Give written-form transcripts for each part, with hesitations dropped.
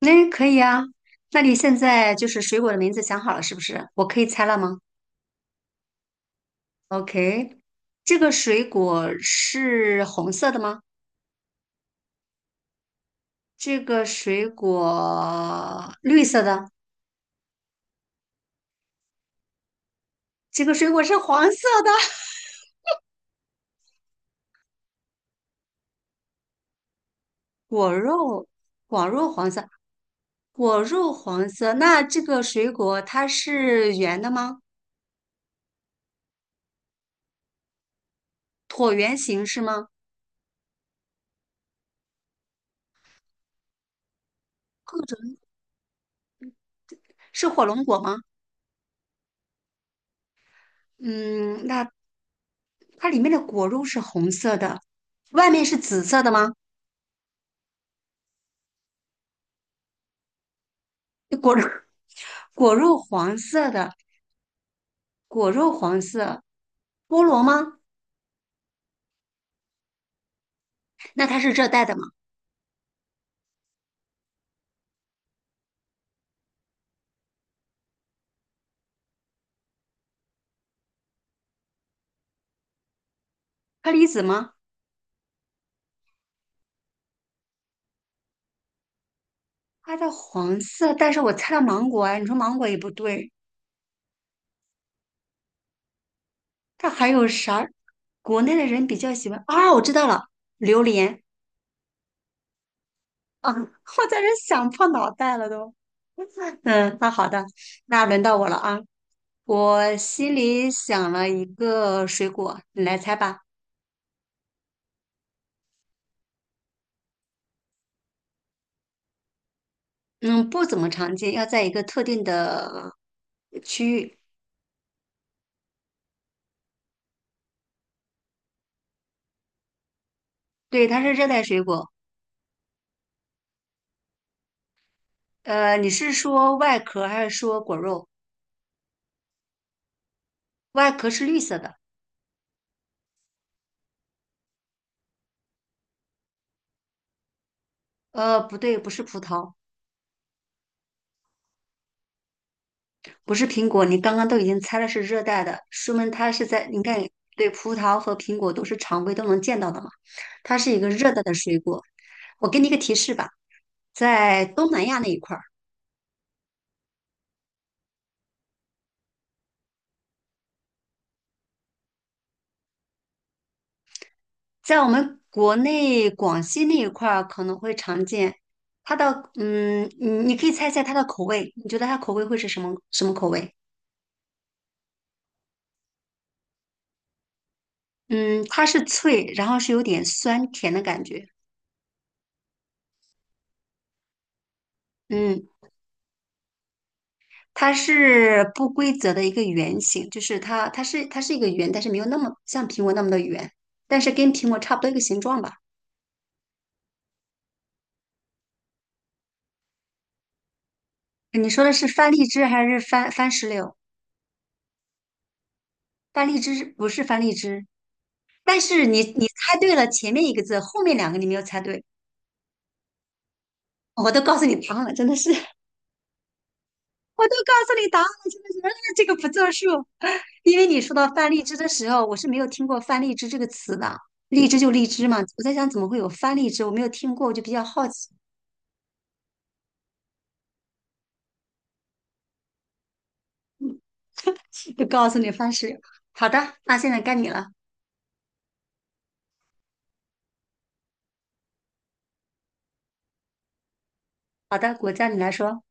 那可以啊。那你现在就是水果的名字想好了是不是？我可以猜了吗？OK,这个水果是红色的吗？这个水果绿色的，这个水果是黄色的。果肉，果肉黄色，果肉黄色。那这个水果它是圆的吗？椭圆形是吗？各种是火龙果吗？嗯，那它里面的果肉是红色的，外面是紫色的吗？果肉果肉黄色的，果肉黄色，菠萝吗？那它是热带的吗？车梨子吗？它的黄色，但是我猜到芒果啊，你说芒果也不对，它还有啥？国内的人比较喜欢啊，我知道了，榴莲啊，我在这想破脑袋了都。嗯，那好的，那轮到我了啊。我心里想了一个水果，你来猜吧。嗯，不怎么常见，要在一个特定的区域。对，它是热带水果，你是说外壳还是说果肉？外壳是绿色的，不对，不是葡萄，不是苹果。你刚刚都已经猜了是热带的，说明它是在，你看，对，葡萄和苹果都是常规都能见到的嘛，它是一个热带的水果。我给你一个提示吧，在东南亚那一块儿，在我们国内广西那一块儿可能会常见。它的，嗯，你可以猜猜它的口味，你觉得它口味会是什么什么口味？嗯，它是脆，然后是有点酸甜的感觉。嗯，它是不规则的一个圆形，就是它，它是一个圆，但是没有那么像苹果那么的圆，但是跟苹果差不多一个形状吧。你说的是番荔枝还是番石榴？番荔枝不是番荔枝，但是你猜对了前面一个字，后面两个你没有猜对，我都告诉你答案了，真的是。我都告诉你答案了，真的是，这个不作数。因为你说到翻荔枝的时候，我是没有听过翻荔枝这个词的。荔枝就荔枝嘛，我在想怎么会有翻荔枝，我没有听过，我就比较好奇，就告诉你方式。好的，那现在该你了。好的，国家你来说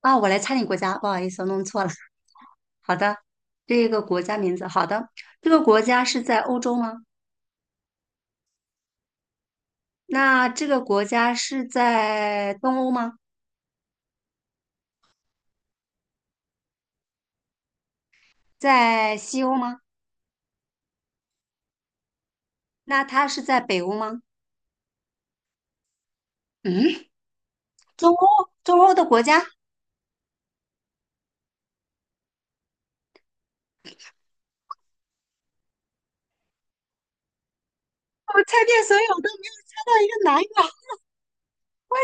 啊，我来猜你国家，不好意思，我弄错了。好的，这个国家名字，好的，这个国家是在欧洲吗？那这个国家是在东欧吗？在西欧吗？那它是在北欧吗？嗯。中欧中欧的国家，我猜遍所有都没有猜到一个南亚。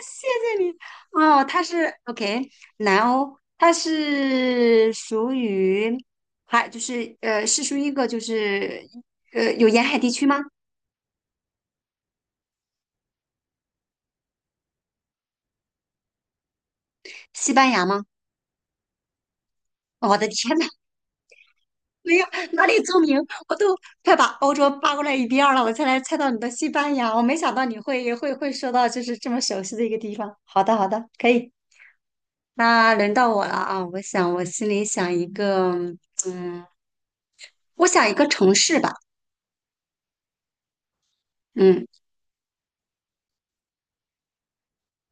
谢谢你。哦，它是 OK,南欧，它是属于还就是呃，是属于一个就是有沿海地区吗？西班牙吗？我的天呐，没有哪里著名，我都快把欧洲扒过来一边儿了，我才来猜到你的西班牙。我没想到你会说到就是这么熟悉的一个地方。好的，好的，可以。那轮到我了啊！我想，我心里想一个，嗯，我想一个城市吧。嗯，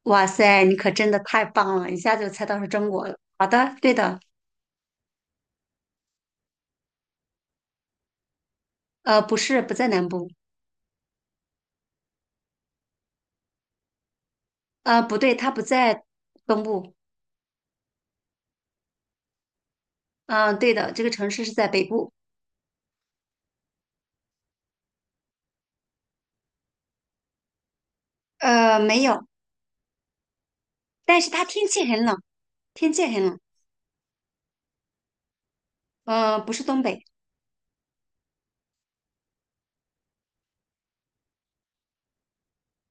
哇塞，你可真的太棒了，一下就猜到是中国了。好的，对的，呃，不是，不在南部，呃，不对，它不在东部。嗯、对的，这个城市是在北部。呃，没有，但是它天气很冷，天气很冷。呃，不是东北。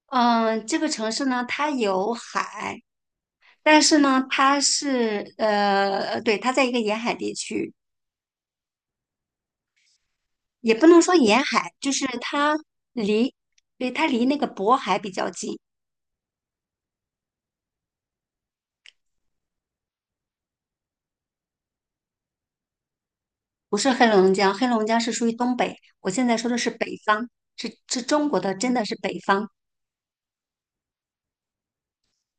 嗯、这个城市呢，它有海，但是呢，它是对，它在一个沿海地区。也不能说沿海，就是它离，对，它离那个渤海比较近，不是黑龙江，黑龙江是属于东北，我现在说的是北方，是中国的，真的是北方。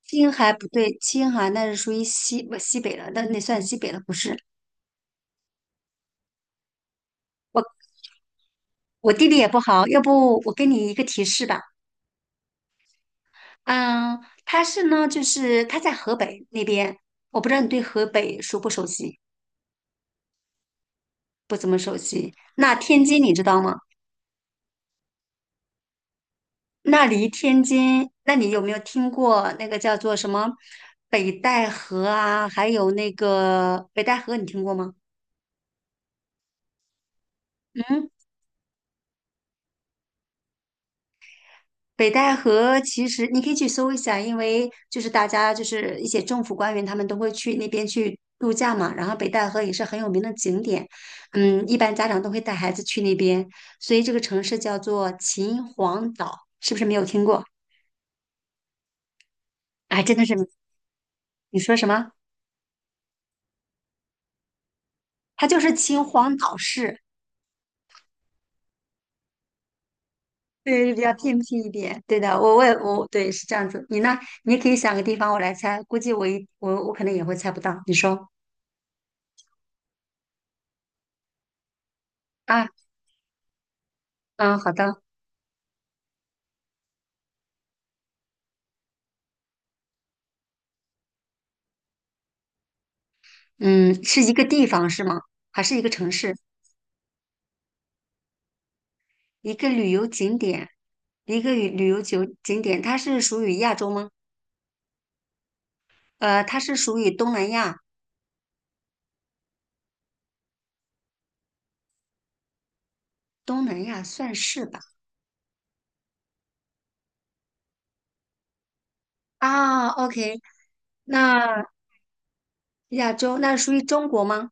青海不对，青海那是属于西不西北了，那算西北了，不是？我地理也不好，要不我给你一个提示吧。嗯，它是呢，就是它在河北那边，我不知道你对河北熟不熟悉，不怎么熟悉。那天津你知道吗？那离天津，那你有没有听过那个叫做什么北戴河啊？还有那个北戴河，你听过吗？嗯，北戴河其实你可以去搜一下，因为就是大家就是一些政府官员他们都会去那边去度假嘛。然后北戴河也是很有名的景点，嗯，一般家长都会带孩子去那边，所以这个城市叫做秦皇岛，是不是没有听过？哎，真的是，你说什么？它就是秦皇岛市。对，是比较偏僻一点。对的，我对是这样子。你呢？你可以想个地方，我来猜。估计我一我我可能也会猜不到。你说啊，嗯，好的，嗯，是一个地方是吗？还是一个城市？一个旅游景点？一个旅游景点，它是属于亚洲吗？呃，它是属于东南亚，东南亚算是吧。啊，OK,那亚洲那属于中国吗？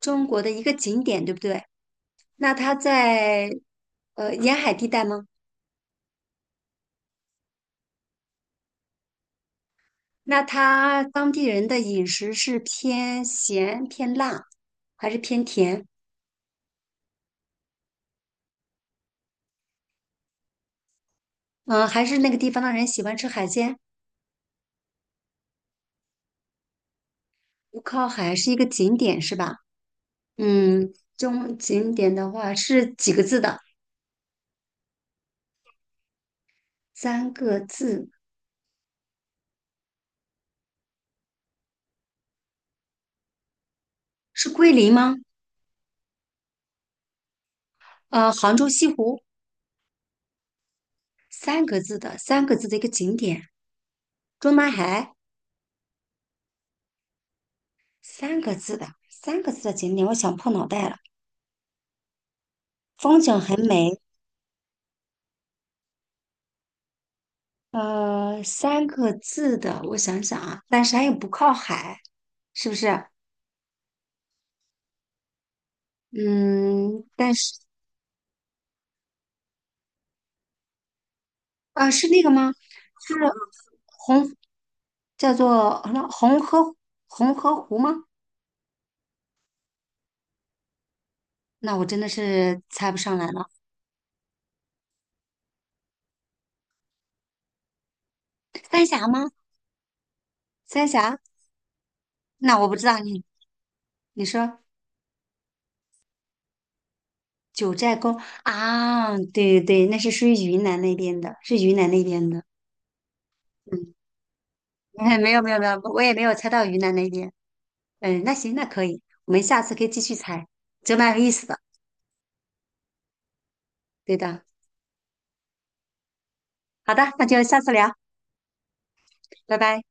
中国的一个景点，对不对？那它在沿海地带吗？那他当地人的饮食是偏咸、偏辣，还是偏甜？嗯，还是那个地方的人喜欢吃海鲜？不靠海是一个景点是吧？嗯，中景点的话是几个字的？三个字，是桂林吗？呃，杭州西湖，三个字的，三个字的一个景点。中南海，三个字的，三个字的景点，我想破脑袋了。风景很美，呃，三个字的，我想想啊，但是它又不靠海，是不是？嗯，但是啊，是那个吗？是红，叫做什么红河红河湖吗？那我真的是猜不上来了。三峡吗？三峡？那我不知道你，你说九寨沟啊？对对对，那是属于云南那边的，是云南那边的。嗯，没有没有没有，我也没有猜到云南那边。嗯，那行，那可以，我们下次可以继续猜，这蛮有意思的。对的，好的，那就下次聊，拜拜。